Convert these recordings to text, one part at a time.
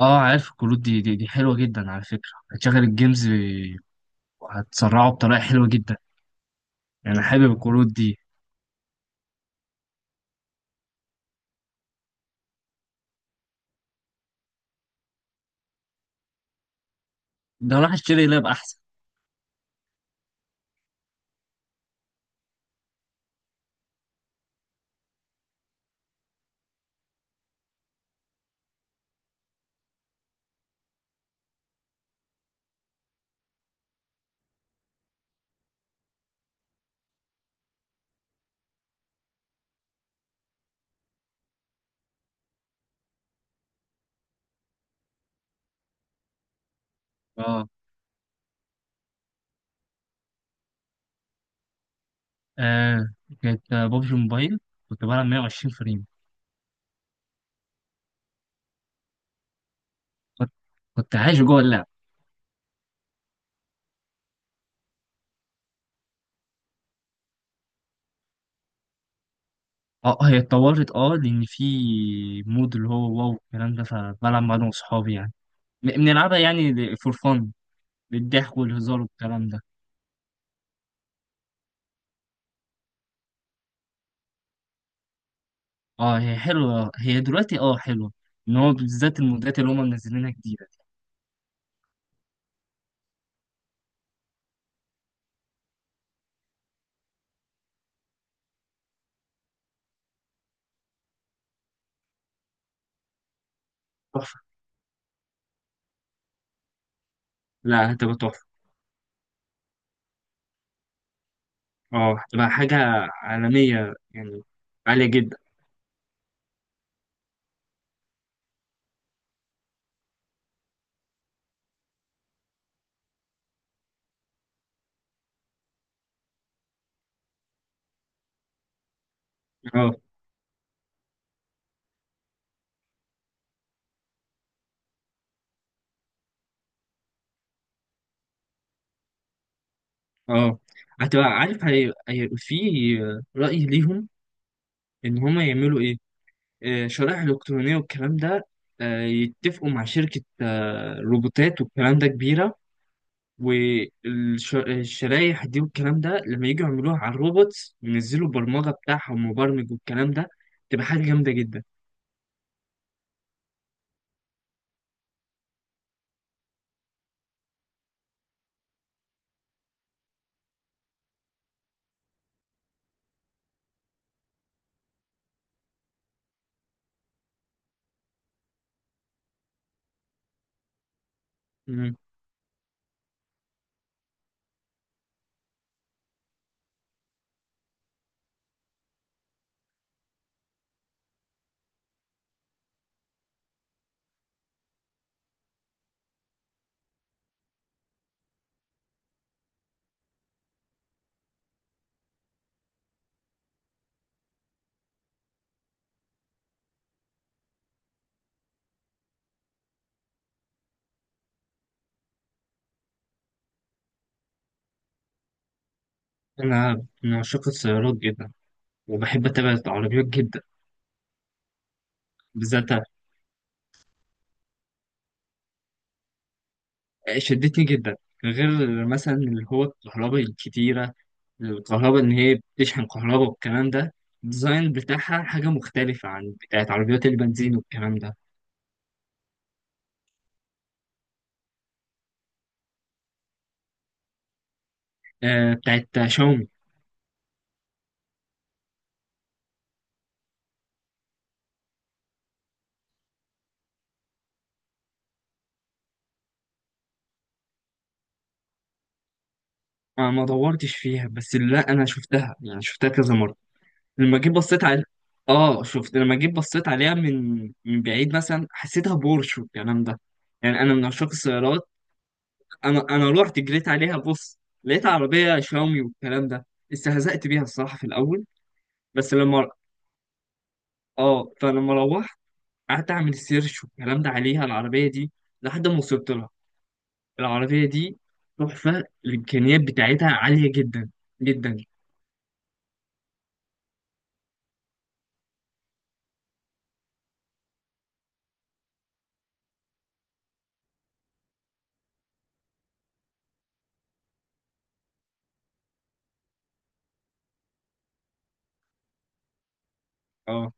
اه، عارف الكروت دي دي حلوه جدا على فكره هتشغل الجيمز وهتسرعه بطريقه حلوه جدا. يعني أنا حابب الكروت دي. ده راح اشتري لاب احسن. اه. آه، كانت بابجي موبايل. كنت بلعب 120 فريم. كنت كنت عايش جوه اللعب. اه، هي اتطورت. اه، لان في مود اللي هو واو الكلام ده، فبلعب مع انا واصحابي يعني. بنلعبها يعني فور فن، للضحك والهزار والكلام ده. اه هي حلوه، هي دلوقتي اه حلوه، ان هو بالذات المودات اللي هم منزلينها جديده دي. تحفه. لا هتبقى تحفه. اه هتبقى حاجة عالمية يعني، عالية جدا. اه. اه هتبقى عارف في رأي ليهم إن هما يعملوا إيه، شرائح إلكترونية والكلام ده، يتفقوا مع شركة روبوتات والكلام ده كبيرة، والشرايح دي والكلام ده لما يجوا يعملوها على الروبوتس وينزلوا البرمجة بتاعها ومبرمج والكلام ده، تبقى حاجة جامدة جدا. مم. أنا من عشاق السيارات جدا وبحب أتابع العربيات جدا. بالذات شدتني جدا، غير مثلا اللي هو الكهرباء الكتيرة، الكهرباء إن هي بتشحن كهرباء والكلام ده. الديزاين بتاعها حاجة مختلفة عن بتاعت عربيات البنزين والكلام ده. آه، بتاعت شاومي. أنا ما دورتش فيها، بس لا أنا شفتها يعني، شفتها كذا مرة. لما جيت بصيت على آه، شفت لما جيت بصيت عليها من بعيد مثلا حسيتها بورش والكلام ده. يعني أنا من عشاق السيارات. أنا رحت جريت عليها بص، لقيت عربية شاومي والكلام ده. استهزأت بيها الصراحة في الأول. بس لما اه، فلما روحت قعدت اعمل سيرش والكلام ده عليها، العربيه دي لحد ما وصلت لها. العربيه دي تحفه، الامكانيات بتاعتها عاليه جدا جدا. اه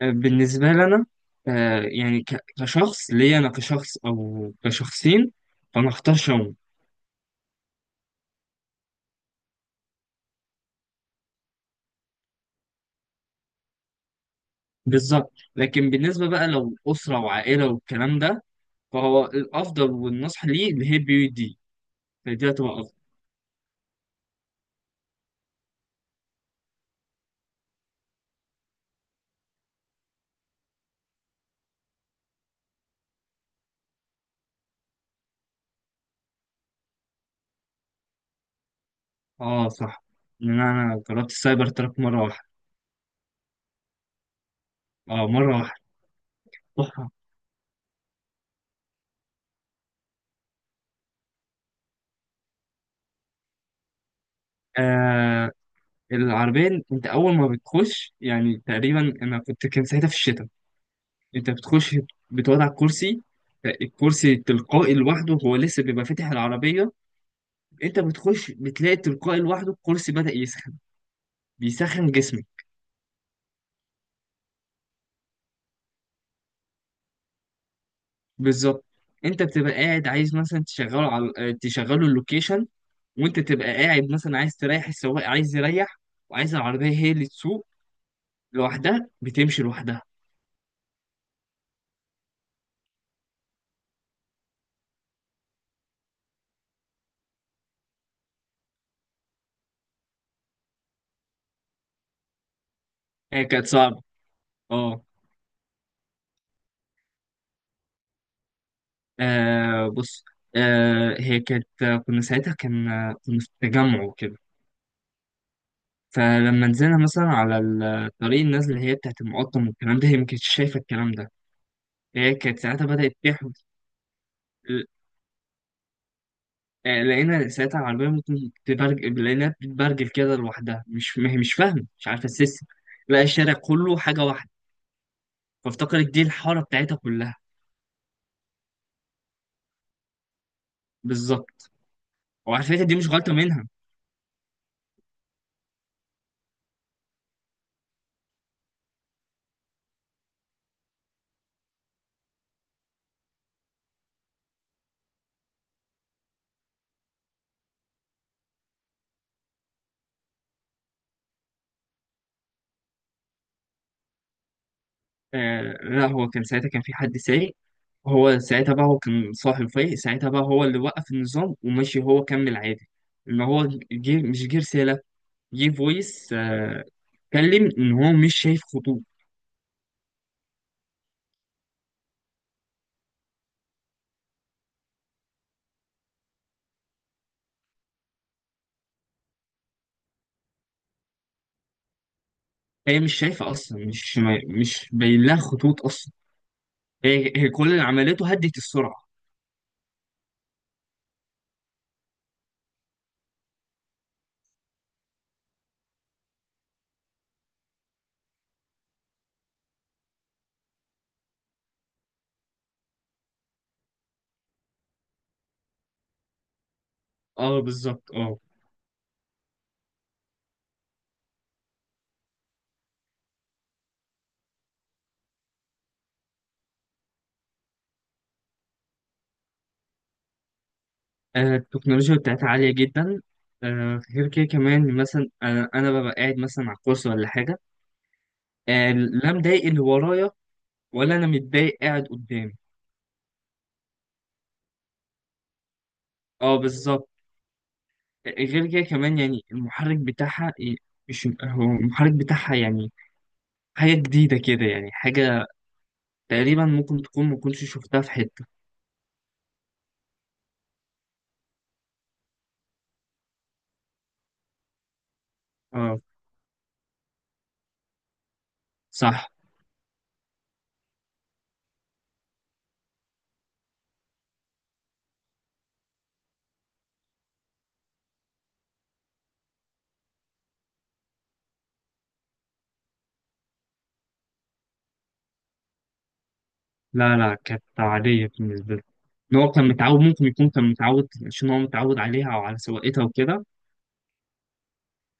بالنسبه لنا، يعني كشخص ليا، انا كشخص او كشخصين، فانا اختار شاومي. بالظبط. لكن بالنسبه بقى لو اسره وعائله والكلام ده، فهو الافضل والنصح ليه اللي هي بي يو دي، فدي هتبقى افضل. اه صح، لان انا جربت السايبر تراك مره واحده. اه مره واحده. تحفة. آه، العربية انت اول ما بتخش يعني، تقريبا انا كنت، كان ساعتها في الشتاء، انت بتخش بتقعد على الكرسي، الكرسي تلقائي لوحده، هو لسه بيبقى فاتح العربية. انت بتخش بتلاقي تلقائي لوحده الكرسي بدأ يسخن، بيسخن جسمك. بالظبط. انت بتبقى قاعد عايز مثلا تشغله على تشغله اللوكيشن، وانت تبقى قاعد مثلا عايز تريح السواق، عايز يريح، وعايز العربية هي اللي تسوق لوحدها، بتمشي لوحدها. هي كانت صعبة. اه. آه بص، آه هي كانت، كنا ساعتها كان، كنا في تجمع وكده. فلما نزلنا مثلا على الطريق النازل اللي هي بتاعت المقطم والكلام ده، هي ما كانتش شايفة الكلام ده. هي كانت ساعتها بدأت تحب. لقينا ساعتها العربية ممكن تبرج، لقيناها بتبرجل كده لوحدها، مش ما هي مش فاهمة، مش عارفة السيستم، لقى الشارع كله حاجة واحدة، فافتكرت دي الحارة بتاعتها كلها. بالظبط. وعلى فكرة دي مش غلطة منها. آه لا، هو كان ساعتها كان في حد سايق، هو ساعتها بقى هو كان صاحب فايق، ساعتها بقى هو اللي وقف النظام ومشي هو كمل عادي. ان هو جه، مش جه رسالة، جه فويس آه، كلم ان هو مش شايف خطوط. هي مش شايفة اصلا، مش مش باين لها خطوط اصلا. هي كل اللي عملته هدت السرعة. اه بالظبط اه. آه، التكنولوجيا بتاعتها عالية جدا. غير كده كمان مثلا، انا ببقى قاعد مثلا على الكرسي ولا حاجة، لا مضايق اللي ورايا ولا انا متضايق قاعد قدامي. اه بالظبط. غير كده كمان يعني المحرك بتاعها إيه، مش هو المحرك بتاعها يعني حاجة جديدة كده، يعني حاجة تقريبا ممكن تكون ما كنتش شفتها في حتة. اه صح. لا لا كانت عادية بالنسبة له، ان هو كان متعود، ممكن يكون كان متعود عشان هو متعود عليها او على سواقتها وكده.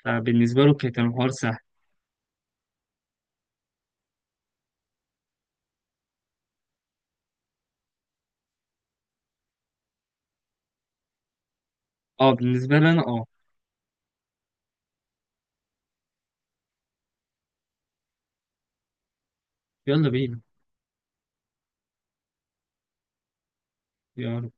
فبالنسبة له كانت الحوار سهل. اه بالنسبة لي انا اه. يلا بينا. يلا.